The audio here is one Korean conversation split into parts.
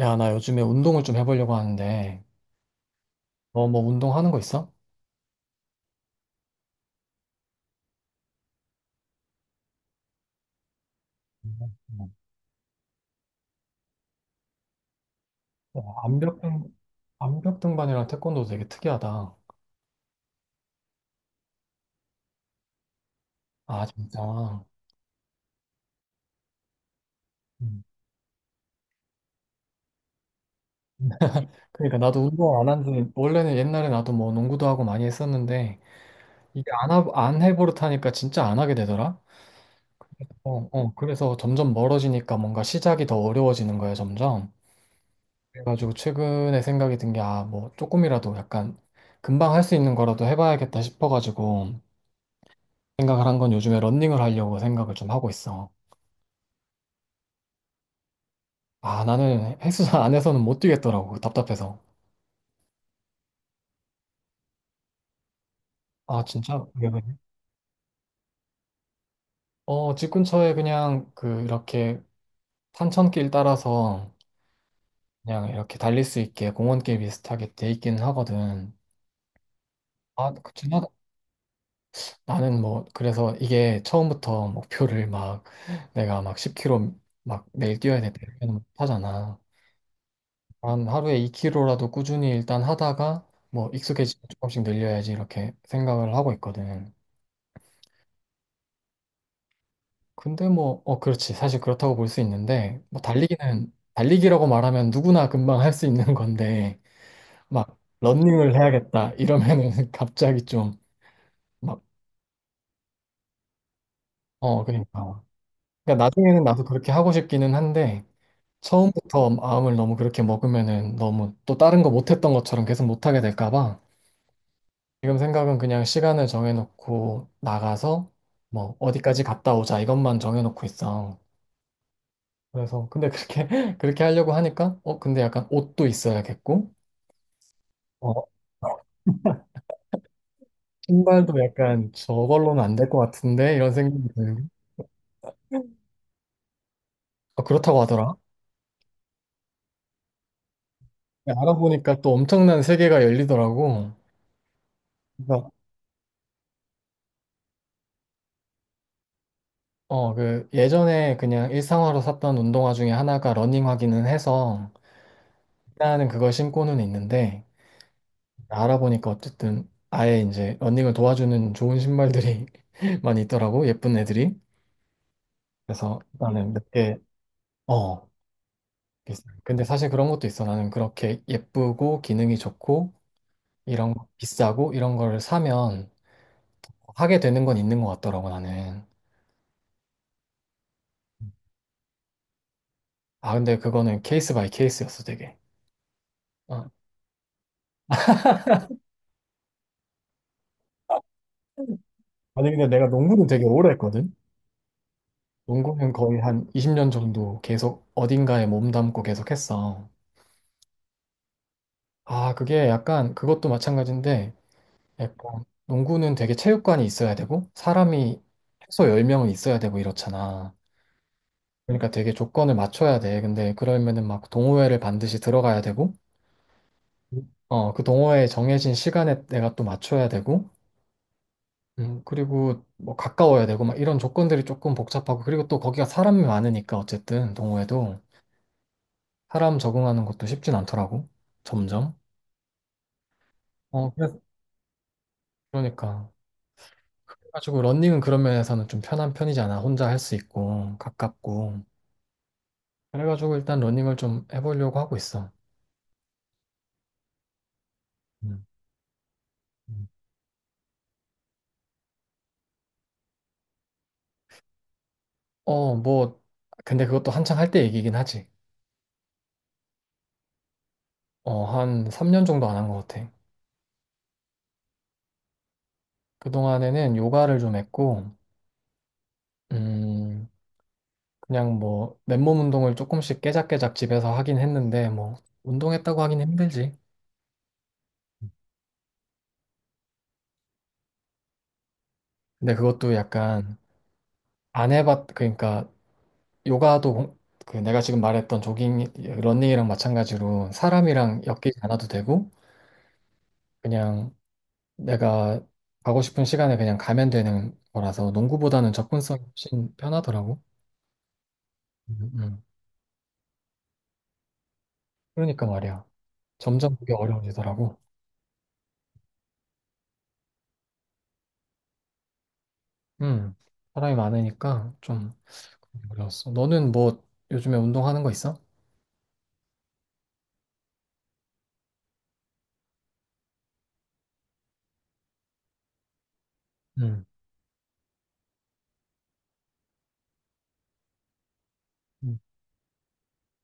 야, 나 요즘에 운동을 좀 해보려고 하는데, 너 뭐 운동하는 거 있어? 음. 어, 암벽등, 암벽등반이랑 태권도 되게 특이하다. 아, 진짜. 음. 그러니까 나도 운동 안 한 지, 원래는 옛날에 나도 뭐 농구도 하고 많이 했었는데, 이게 안 해버릇하니까 진짜 안 하게 되더라? 그래서 점점 멀어지니까 뭔가 시작이 더 어려워지는 거야, 점점. 그래가지고 최근에 생각이 든 게, 아, 뭐 조금이라도 약간 금방 할 수 있는 거라도 해봐야겠다 싶어가지고, 생각을 한 건 요즘에 런닝을 하려고 생각을 좀 하고 있어. 아, 나는 헬스장 안에서는 못 뛰겠더라고, 그 답답해서. 아, 진짜? 왜 그래? 어, 집 근처에 그냥 그 이렇게 산천길 따라서 그냥 이렇게 달릴 수 있게 공원길 비슷하게 돼 있기는 하거든. 아, 그치만 나는 뭐, 그래서 이게 처음부터 목표를 막 내가 막 10km 막 매일 뛰어야 돼. 이렇게는 못 하잖아. 한 하루에 2kg라도 꾸준히 일단 하다가 뭐 익숙해지면 조금씩 늘려야지 이렇게 생각을 하고 있거든. 근데 뭐, 그렇지. 사실 그렇다고 볼 수 있는데, 뭐 달리기는, 달리기라고 말하면 누구나 금방 할 수 있는 건데, 막 러닝을 해야겠다 이러면은 갑자기 좀 막, 그러니까. 그러니까 나중에는 나도 그렇게 하고 싶기는 한데, 처음부터 마음을 너무 그렇게 먹으면은 너무 또 다른 거 못했던 것처럼 계속 못하게 될까 봐. 지금 생각은 그냥 시간을 정해놓고 나가서 뭐 어디까지 갔다 오자 이것만 정해놓고 있어. 그래서 근데 그렇게 그렇게 하려고 하니까 근데 약간 옷도 있어야겠고 어 신발도 약간 저걸로는 안 될 것 같은데 이런 생각이 들고 어, 그렇다고 하더라. 알아보니까 또 엄청난 세계가 열리더라고. 그래서 그 예전에 그냥 일상화로 샀던 운동화 중에 하나가 러닝화기는 해서 일단은 그걸 신고는 있는데. 알아보니까 어쨌든 아예 이제 러닝을 도와주는 좋은 신발들이 많이 있더라고, 예쁜 애들이. 그래서 나는 몇개어 비싸요. 근데 사실 그런 것도 있어. 나는 그렇게 예쁘고 기능이 좋고 이런 거 비싸고 이런 거를 사면 하게 되는 건 있는 것 같더라고, 나는. 아, 근데 그거는 케이스 바이 케이스였어, 되게. 어. 아니 근데 내가 농구는 되게 오래 했거든. 농구는 거의 한 20년 정도 계속 어딘가에 몸담고 계속 했어. 아, 그게 약간 그것도 마찬가지인데, 약간 농구는 되게 체육관이 있어야 되고 사람이 최소 10명은 있어야 되고 이렇잖아. 그러니까 되게 조건을 맞춰야 돼. 근데 그러면은 막 동호회를 반드시 들어가야 되고 어, 그 동호회에 정해진 시간에 내가 또 맞춰야 되고 그리고 뭐 가까워야 되고 막 이런 조건들이 조금 복잡하고, 그리고 또 거기가 사람이 많으니까 어쨌든 동호회도 사람 적응하는 것도 쉽진 않더라고. 점점. 어, 그래서 그러니까 그래가지고 러닝은 그런 면에서는 좀 편한 편이잖아. 혼자 할 수 있고 가깝고. 그래가지고 일단 러닝을 좀 해보려고 하고 있어. 음. 음. 어, 뭐, 근데 그것도 한창 할 때 얘기긴 하지. 어, 한 3년 정도 안 한 것 같아. 그동안에는 요가를 좀 했고, 음, 그냥 뭐, 맨몸 운동을 조금씩 깨작깨작 집에서 하긴 했는데, 뭐, 운동했다고 하긴 힘들지. 근데 그것도 약간 안 해봤, 그러니까 요가도 그 내가 지금 말했던 조깅, 러닝이랑 마찬가지로 사람이랑 엮이지 않아도 되고, 그냥 내가 가고 싶은 시간에 그냥 가면 되는 거라서 농구보다는 접근성이 훨씬 편하더라고. 음, 음. 그러니까 말이야. 점점 그게 어려워지더라고. 음, 사람이 많으니까 좀 어려웠어. 너는 뭐 요즘에 운동하는 거 있어? 음, 음.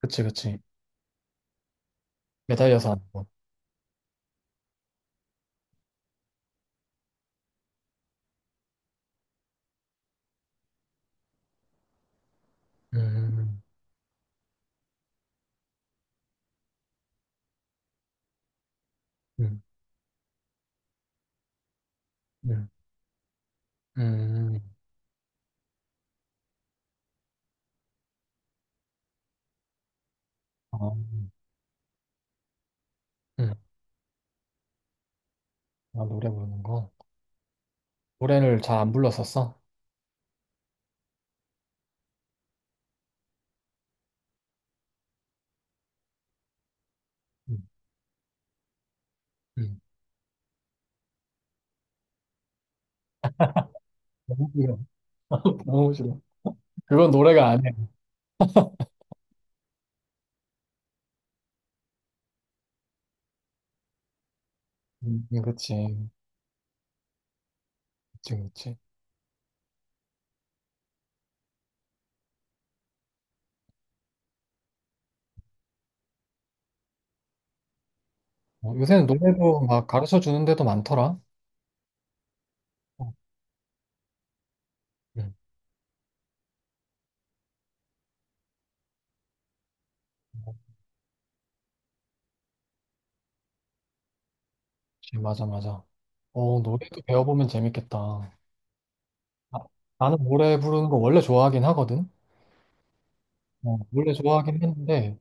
그치, 그치. 매달려서 하는 거. 음, 음, 음, 음. 어, 음. 아, 노래 부르는 거. 노래를 잘 안 불렀었어? 음, 음. 너무 싫어. 너무 싫어. 그건 노래가 아니야. 그치. 그치, 그치. 어, 요새는 노래도 막 가르쳐 주는 데도 많더라. 어, 응. 그치, 맞아, 맞아. 어, 노래도 배워보면 재밌겠다. 아, 나는 노래 부르는 거 원래 좋아하긴 하거든. 어, 원래 좋아하긴 했는데,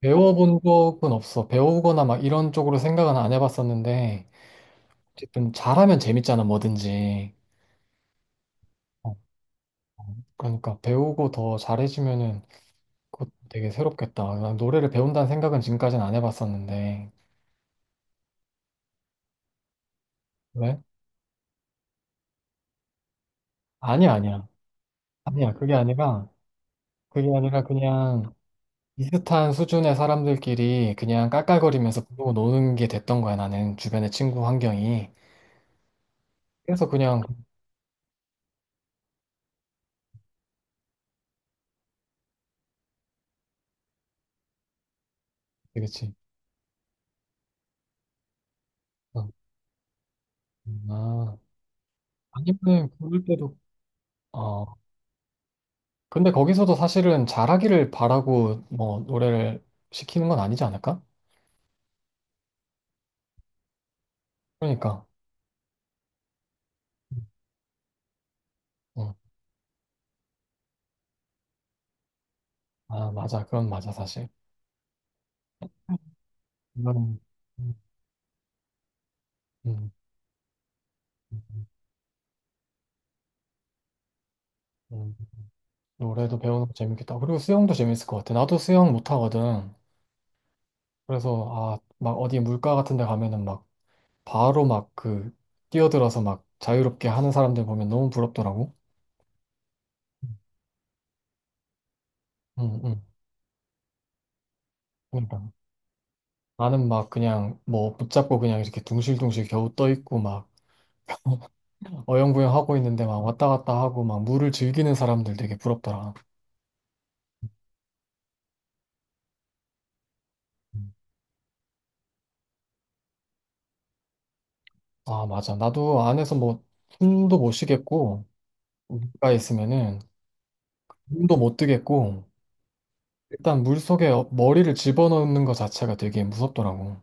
배워본 적은 없어. 배우거나 막 이런 쪽으로 생각은 안 해봤었는데, 어쨌든 잘하면 재밌잖아, 뭐든지. 어, 그러니까 배우고 더 잘해지면은 그것도 되게 새롭겠다. 난 노래를 배운다는 생각은 지금까지는 안 해봤었는데. 왜? 아니야, 아니야. 아니야, 그게 아니라, 그냥 비슷한 수준의 사람들끼리 그냥 깔깔거리면서 부르고 노는 게 됐던 거야, 나는. 주변의 친구 환경이. 그래서 그냥, 그치. 어, 아, 아니면 부를 때도, 어. 근데 거기서도 사실은 잘하기를 바라고 뭐 노래를 시키는 건 아니지 않을까? 그러니까. 어. 아, 맞아. 그건 맞아, 사실. 이거는, 음, 음, 음, 음. 음. 노래도 배우는 거 재밌겠다. 그리고 수영도 재밌을 것 같아. 나도 수영 못하거든. 그래서, 아, 막 어디 물가 같은 데 가면은 막 바로 막 그 뛰어들어서 막 자유롭게 하는 사람들 보면 너무 부럽더라고. 응, 응. 그러니까 나는 막 그냥 뭐 붙잡고 그냥 이렇게 둥실둥실 겨우 떠 있고 막 어영부영 하고 있는데 막 왔다 갔다 하고 막 물을 즐기는 사람들 되게 부럽더라. 음. 아, 맞아. 나도 안에서 뭐 숨도 못 쉬겠고 물가 있으면은 눈도 못 뜨겠고 일단 물 속에 머리를 집어넣는 것 자체가 되게 무섭더라고.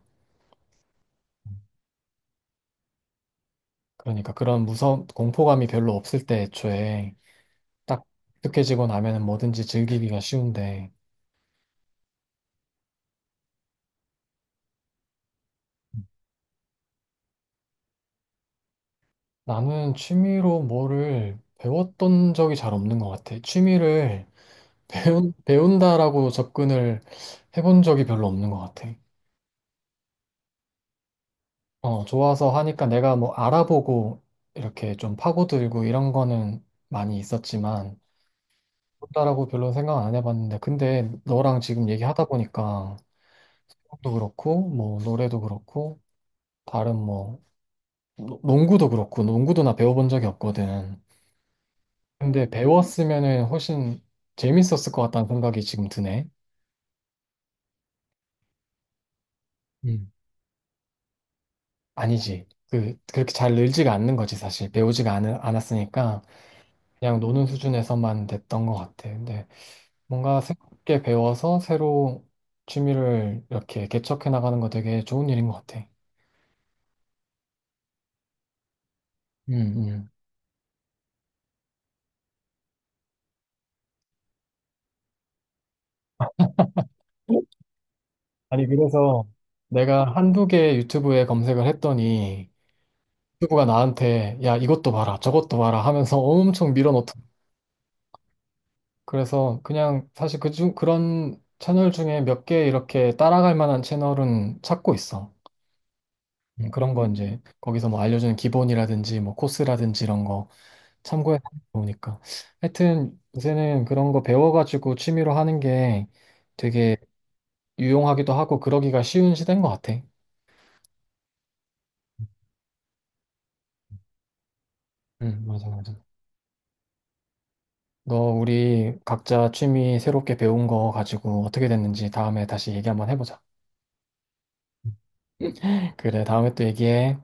그러니까 그런 무서 공포감이 별로 없을 때 애초에 딱 익숙해지고 나면은 뭐든지 즐기기가 쉬운데 나는 취미로 뭐를 배웠던 적이 잘 없는 것 같아. 취미를 배운다라고 접근을 해본 적이 별로 없는 것 같아. 어, 좋아서 하니까 내가 뭐 알아보고 이렇게 좀 파고들고 이런 거는 많이 있었지만 배운다라고 별로 생각 안 해봤는데 근데 너랑 지금 얘기하다 보니까 수영도 그렇고 뭐 노래도 그렇고 다른 뭐 농구도 그렇고 농구도 나 배워본 적이 없거든. 근데 배웠으면은 훨씬 재밌었을 것 같다는 생각이 지금 드네. 음. 아니지. 그렇게 잘 늘지가 않는 거지, 사실. 않았으니까 그냥 노는 수준에서만 됐던 것 같아. 근데 뭔가 새롭게 배워서 새로 취미를 이렇게 개척해 나가는 거 되게 좋은 일인 것 같아. 음, 음. 아니, 그래서 내가 한두 개 유튜브에 검색을 했더니 유튜브가 나한테 야, 이것도 봐라, 저것도 봐라 하면서 엄청 밀어넣더라고. 그래서 그냥 사실 그런 채널 중에 몇 개 이렇게 따라갈 만한 채널은 찾고 있어. 그런 거 이제 거기서 뭐 알려주는 기본이라든지 뭐 코스라든지 이런 거 참고해 보니까. 하여튼 요새는 그런 거 배워가지고 취미로 하는 게 되게 유용하기도 하고 그러기가 쉬운 시대인 것 같아. 응, 맞아, 맞아. 너 우리 각자 취미 새롭게 배운 거 가지고 어떻게 됐는지 다음에 다시 얘기 한번 해보자. 그래, 다음에 또 얘기해.